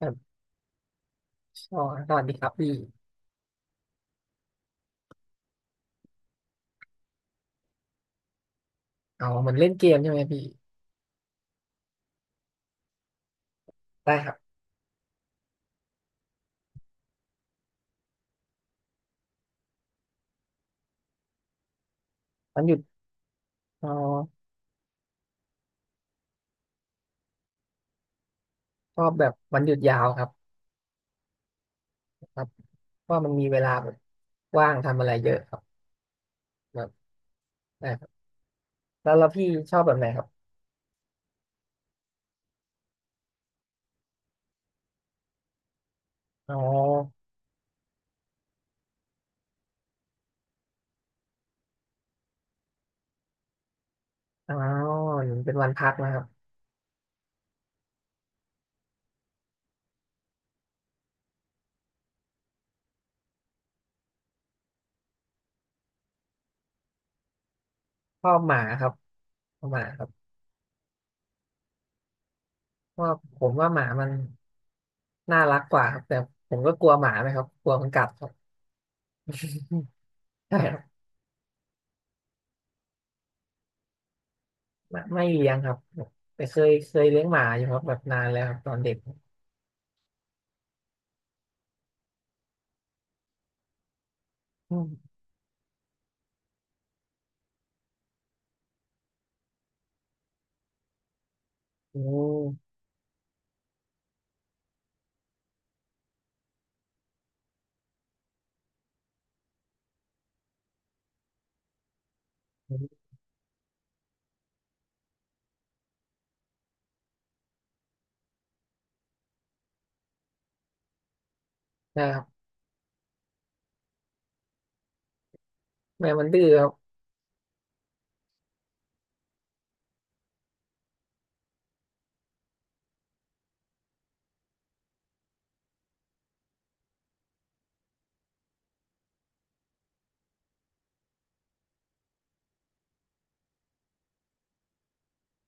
ครบอ๋อสวัสดีครับพี่อ๋อเหมือนเล่นเกมใช่ไหมพี่ได้ครับวันหยุดอ๋อชอบแบบวันหยุดยาวครับครับเพราะมันมีเวลาแบบว่างทำอะไรเยอะครับแบบได้ครับแล้วพี่ชอบแบบไหนครับอ๋ออ๋อเป็นวันพักนะครับชอบหมาครับชอบหมาครับเพราะว่าผมว่าหมามันน่ารักกว่าครับแต่ผมก็กลัวหมาไหมครับกลัวมันกัดครับ ใช่ครับไม่เลี้ยงครับแต่เคยเลี้ยงหมาอยู่ครับแบบนานแล้วครับตอนเด็กอืมโอ้ นะครับแมวมันดื้อครับ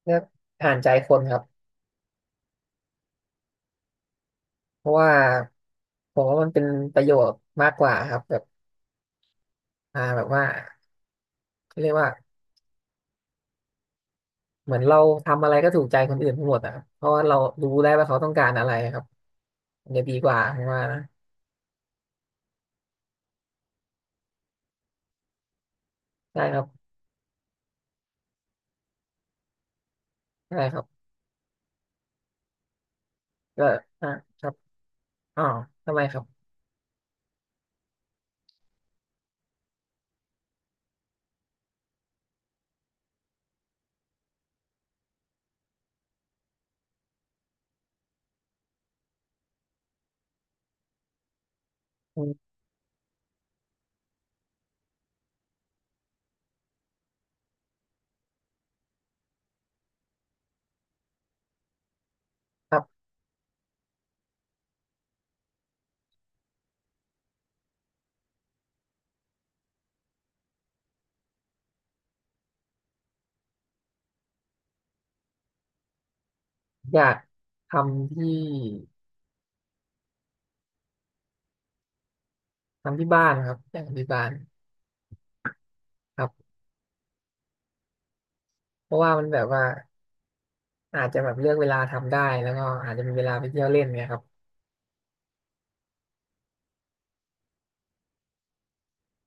เลือก่านใจคนครับเพราะว่าผมว่ามันเป็นประโยชน์มากกว่าครับแบบแบบว่าเขาเรียกว่าเหมือนเราทำอะไรก็ถูกใจคนอื่นไปหมดอ่ะัเพราะว่าเรารู้ได้ว่าเขาต้องการอะไรครับมันจะดีกว่าผมว่านะใช่ครับใช่ครับก็อ่าครับอ๋อทำไมครับอืมครับอยากทำที่ทำที่บ้านครับอยากทำที่บ้านครับเพราะว่ามันแบบว่าอาจจะแบบเลือกเวลาทำได้แล้วก็อาจจะมีเวลาไปเที่ยวเล่นเนี่ยครับ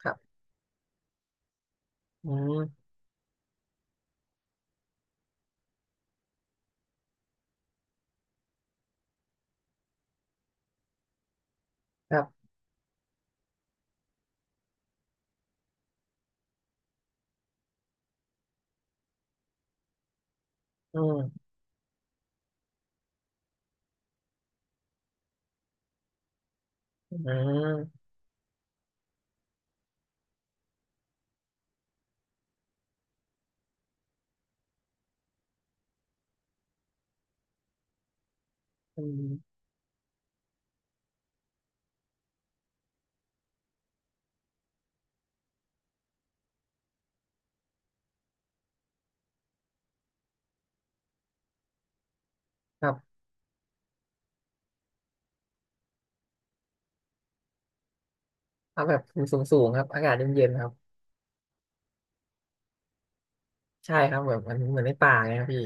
ครับ อืมครับอืมอืมอืมครับเอาแบบสูงสูงครับอากาศเย็นเย็นครับใช่ครับแบบมันเหมือนในป่าไงครับพี่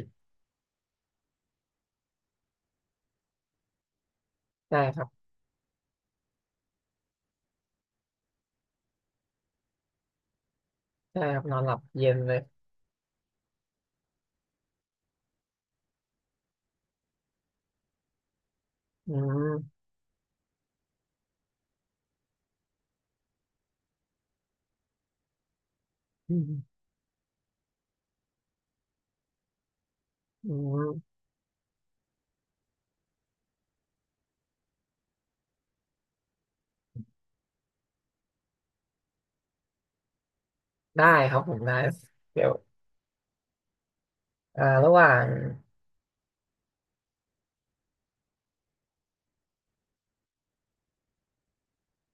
ใช่ครับใช่ครับนอนหลับเย็นเลยอืมอืมอืมได้ครับผมได้เดี๋ยวระหว่าง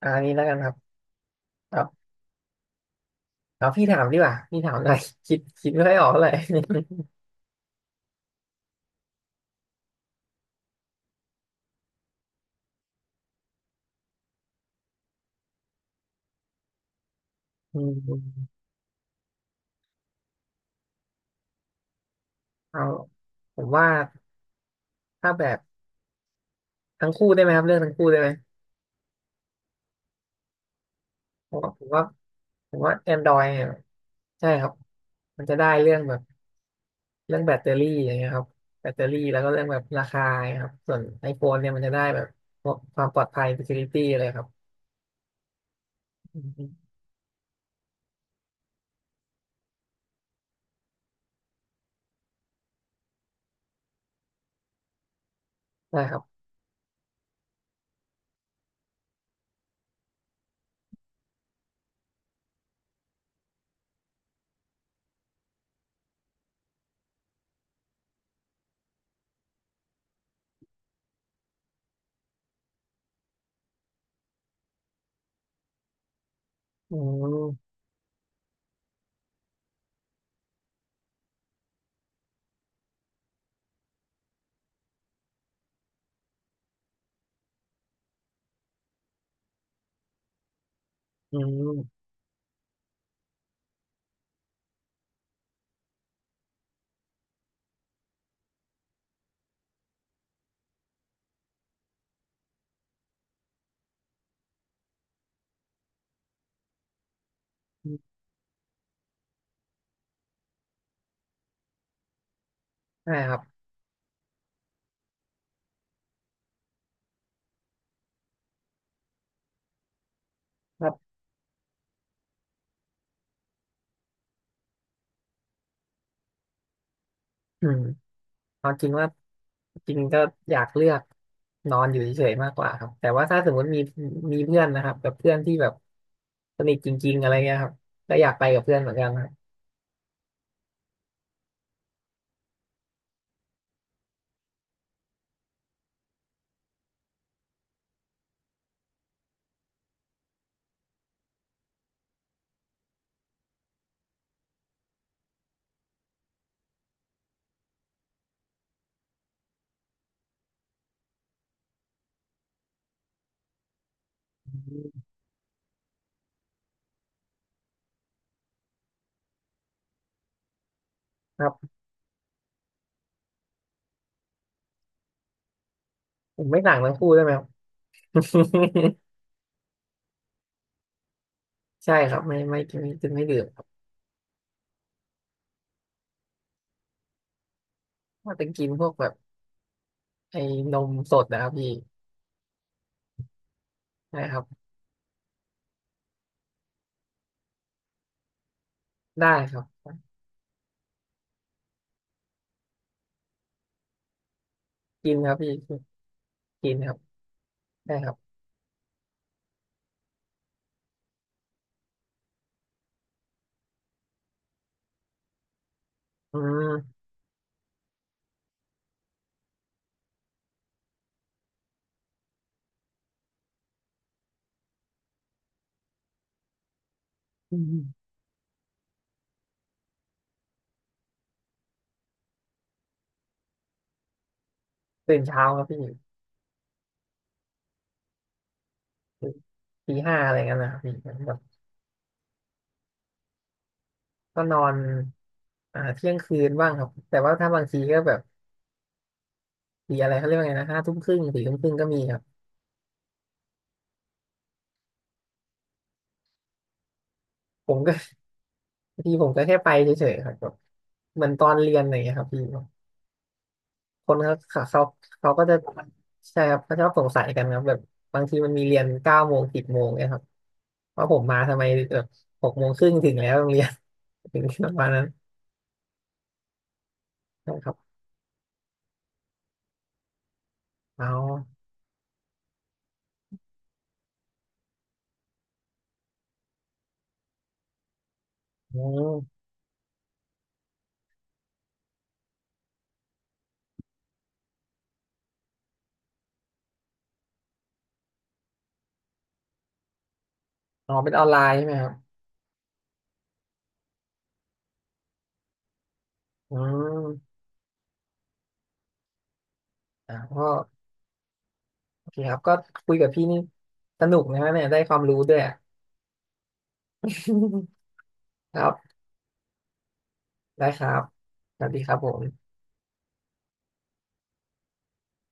นี้แล้วกันครับครับเอาพี่ถามดีกว่าพี่ถามหน่อย คิดไม่ค่อยออกเลย อืมเอาผมว่าถ้าแบบทั้งคู่ได้ไหมครับเรื่องทั้งคู่ได้ไหม ผมว่าผมว่าผมว่า Android เนี่ยใช่ครับมันจะได้เรื่องแบบเรื่องแบตเตอรี่อย่างเงี้ยครับแบตเตอรี่แล้วก็เรื่องแบบราคาครับส่วน iPhone เนี่ยมันจะได้แบบพวกความปลอดภัย security เลยครับอืมใช่ครับอืมอืมใช่ครับครับอืมเอาจริงว่าจริงก็อยากเลือกนอนอยู่เฉยๆมากกว่าครับแต่ว่าถ้าสมมติมีเพื่อนนะครับแบบเพื่อนที่แบบสนิทจริงๆอะไรเงี้ยครับก็อยากไปกับเพื่อนเหมือนกันครับ ผมไม่สั่งทั้งคู่ได้ไหมครับ ใช่ครับไม่ดื่มครับว่าจะกินพวกแบบไอ้นมสดนะครับพี่ใช่ครับได้ครับกินครับพี่กินครับได้ครับอืมอืมตื่นเช้าครับพี่ตื่นตี 5อะไรเงี้ยนะครับพี่เหมือนแบบก็นอนเที่ยงคืนบ้างครับแต่ว่าถ้าบางทีก็แบบตีอะไรเขาเรียกว่าไงนะ5 ทุ่มครึ่ง4 ทุ่มครึ่งก็มีครับผมก็ บางทีผมก็แค่ไปเฉยๆครับแบบเหมือนตอนเรียนอะไรเงี้ยครับพี่ คนาเขาเขาก็จะใช่ครับเขาชอบสงสัยกันครับแบบบางทีมันมีเรียน9 โมง10 โมงเนี่ยครับว่าผมมาทำไมแบบ6 โมงครึ่งถึงแล้วโรงเรียน ถึงประมาณนั้นใช่ครับเอาอืมอ๋อเป็นออนไลน์ใช่ไหมครับอืมก็โอเคครับก็คุยกับพี่นี่สนุกนะฮะเนี่ยได้ความรู้ด้วยอะ ครับได้ครับสวัสดีครับผม